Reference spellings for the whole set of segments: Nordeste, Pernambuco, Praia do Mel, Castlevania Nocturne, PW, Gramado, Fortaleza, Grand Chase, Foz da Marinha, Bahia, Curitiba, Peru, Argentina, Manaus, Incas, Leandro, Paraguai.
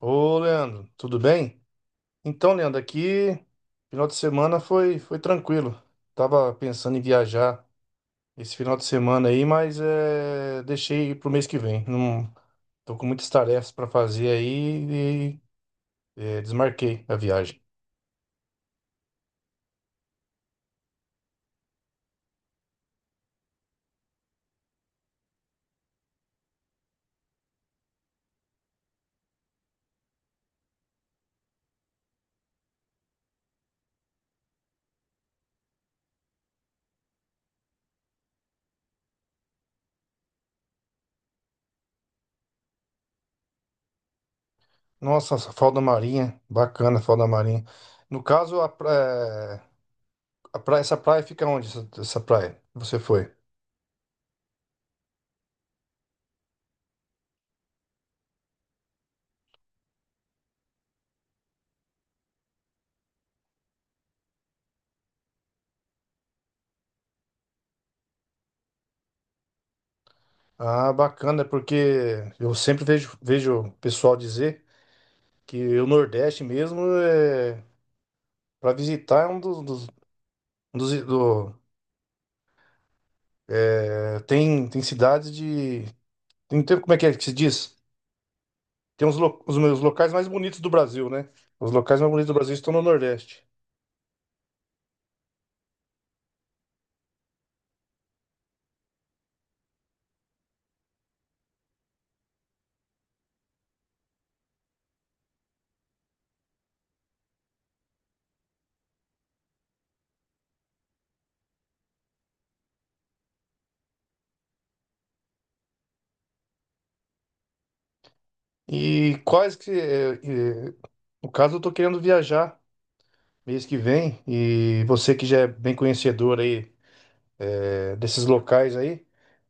Ô, Leandro, tudo bem? Então, Leandro, aqui final de semana foi tranquilo. Tava pensando em viajar esse final de semana aí, deixei pro mês que vem. Não, tô com muitas tarefas para fazer aí desmarquei a viagem. Nossa, essa Foz da Marinha, bacana, a Foz da Marinha. No caso, essa praia fica onde? Essa praia? Você foi? Ah, bacana, porque eu sempre vejo o pessoal dizer que o Nordeste mesmo é para visitar é um dos- do, tem cidades de como é que se diz? Tem os locais mais bonitos do Brasil, né? Os locais mais bonitos do Brasil estão no Nordeste. E quais que é, é, no caso eu tô querendo viajar mês que vem e você que já é bem conhecedor desses locais aí,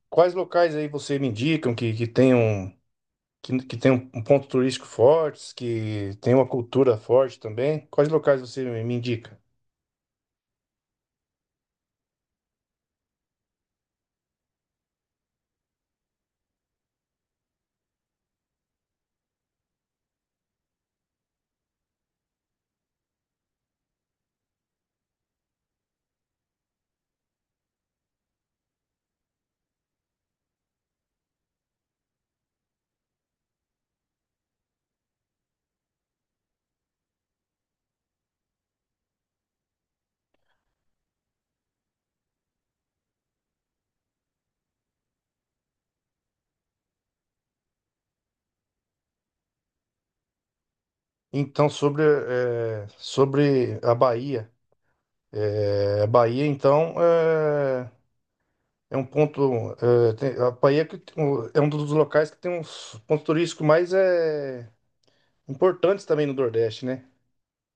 quais locais aí você me indicam que tenham que tem um ponto turístico forte, que tem uma cultura forte também. Quais locais você me indica? Então, sobre a Bahia. Eh, a Bahia, então, eh, é, um ponto. Eh, tem- a Bahia é um dos locais que tem uns pontos turísticos mais importantes também no Nordeste, né?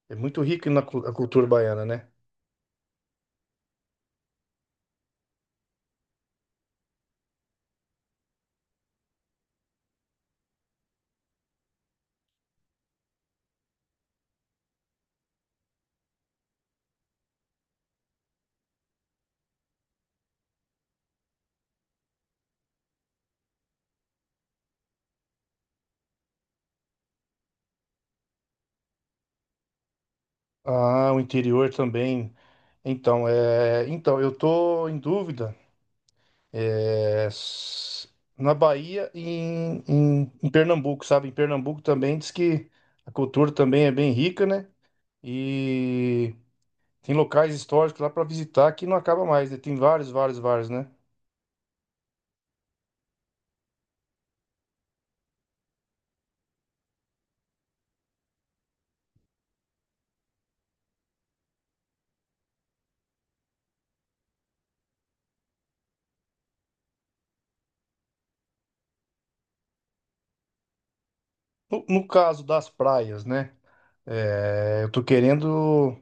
É muito rico na a cultura baiana, né? Ah, o interior também. Então eu tô em dúvida. É, s- Na Bahia e em Pernambuco, sabe? Em Pernambuco também diz que a cultura também é bem rica, né? E tem locais históricos lá para visitar que não acaba mais, né? Tem vários, né? No caso das praias, né? É, eu tô querendo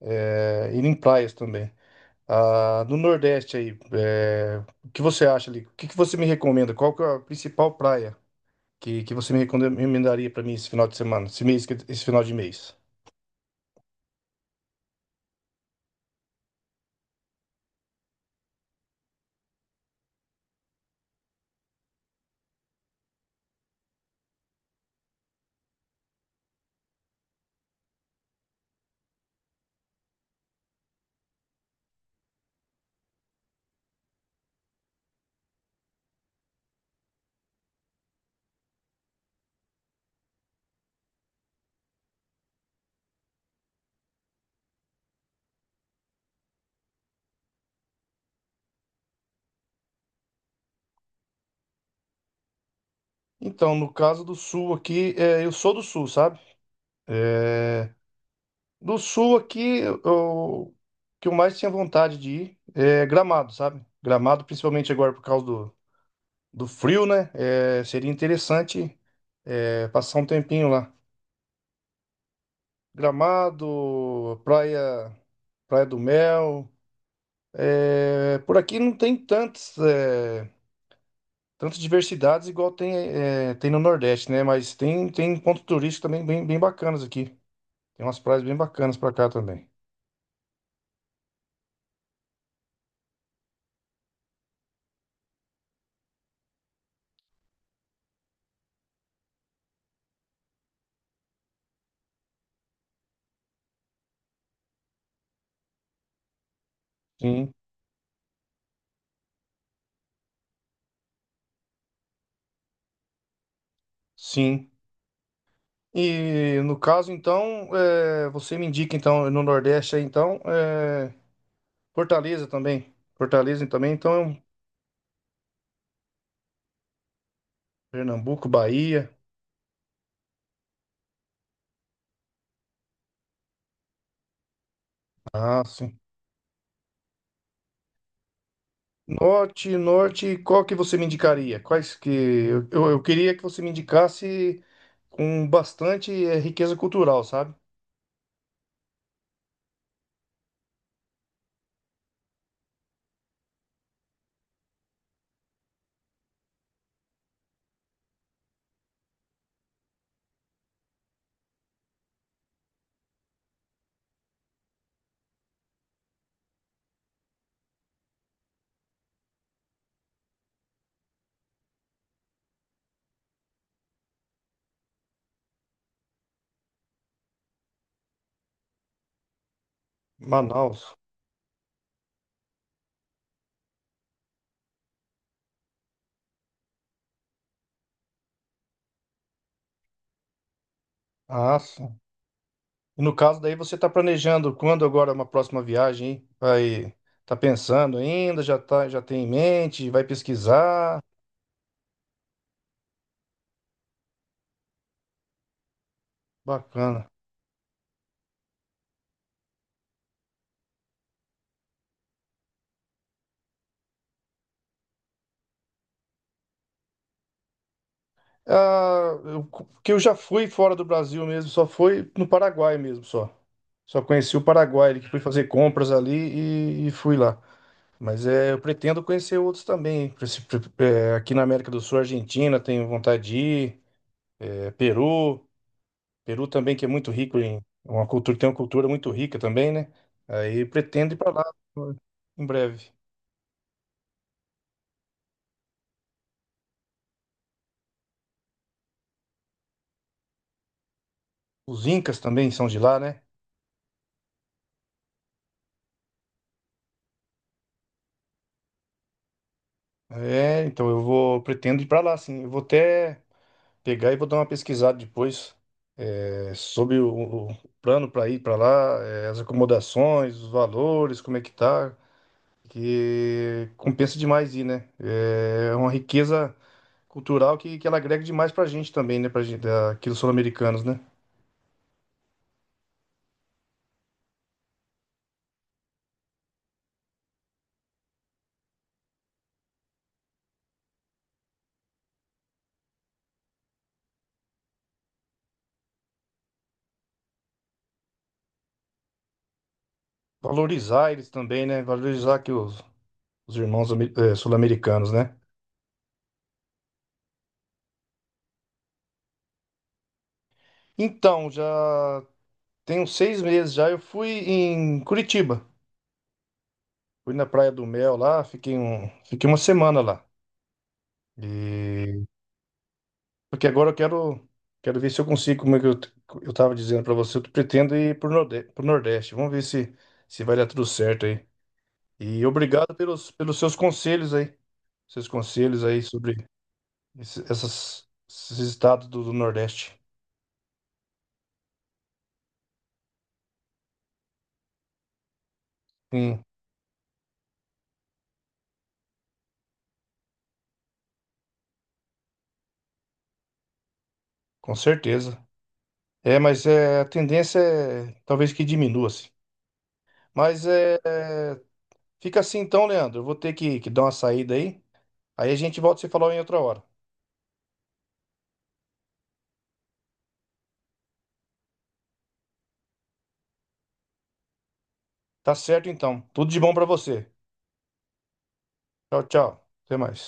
é, ir em praias também. Ah, no Nordeste, o que você acha ali? O que que você me recomenda? Qual que é a principal praia? Que você me recomendaria para mim esse final de semana, esse mês, esse final de mês? Então, no caso do Sul aqui, é, eu sou do Sul, sabe? É, do Sul aqui, o que eu mais tinha vontade de ir é Gramado, sabe? Gramado, principalmente agora por causa do frio, né? Seria interessante passar um tempinho lá. Gramado, Praia do Mel. É, por aqui não tem tantos. É, tantas diversidades igual tem, é, tem no Nordeste, né? Mas tem ponto turístico também bem bacanas aqui. Tem umas praias bem bacanas pra cá também. Sim, sim. E no caso, então, é, você me indica, então, no Nordeste aí, então, é, Fortaleza também. Fortaleza também, então, é um Pernambuco, Bahia. Ah, sim. Norte, norte, qual que você me indicaria? Quais que... eu queria que você me indicasse com bastante, é, riqueza cultural, sabe? Manaus. Ah, sim. E no caso daí você está planejando quando agora uma próxima viagem, hein? Vai, tá pensando ainda, já tá, já tem em mente, vai pesquisar. Bacana. Ah, eu, que eu já fui fora do Brasil mesmo, só fui no Paraguai mesmo, só. Só conheci o Paraguai, que fui fazer compras ali e fui lá. Mas é, eu pretendo conhecer outros também, hein? Aqui na América do Sul, Argentina, tenho vontade de ir, é, Peru. Peru também, que é muito rico em uma cultura, tem uma cultura muito rica também, né? Aí pretendo ir para lá em breve. Os Incas também são de lá, né? É, então eu vou pretendo ir para lá, sim. Eu vou até pegar e vou dar uma pesquisada depois sobre o plano para ir para lá, é, as acomodações, os valores, como é que tá, que compensa demais ir, né? É uma riqueza cultural que ela agrega demais para a gente também, né? Para gente, aqui dos sul-americanos, né? Valorizar eles também, né? Valorizar aqui os irmãos sul-americanos, né? Então, já tem uns 6 meses já, eu fui em Curitiba. Fui na Praia do Mel lá, fiquei uma semana lá. E... Porque agora quero ver se eu consigo, como é que eu tava dizendo para você, eu pretendo ir pro pro Nordeste. Vamos ver se vai dar tudo certo aí. E obrigado pelos seus conselhos aí. Seus conselhos aí sobre esses estados do Nordeste. Tem com certeza. É, a tendência é talvez que diminua, assim. Mas é, é, fica assim então, Leandro. Eu vou ter que dar uma saída aí. Aí a gente volta a se falar em outra hora. Tá certo então. Tudo de bom pra você. Tchau, tchau. Até mais.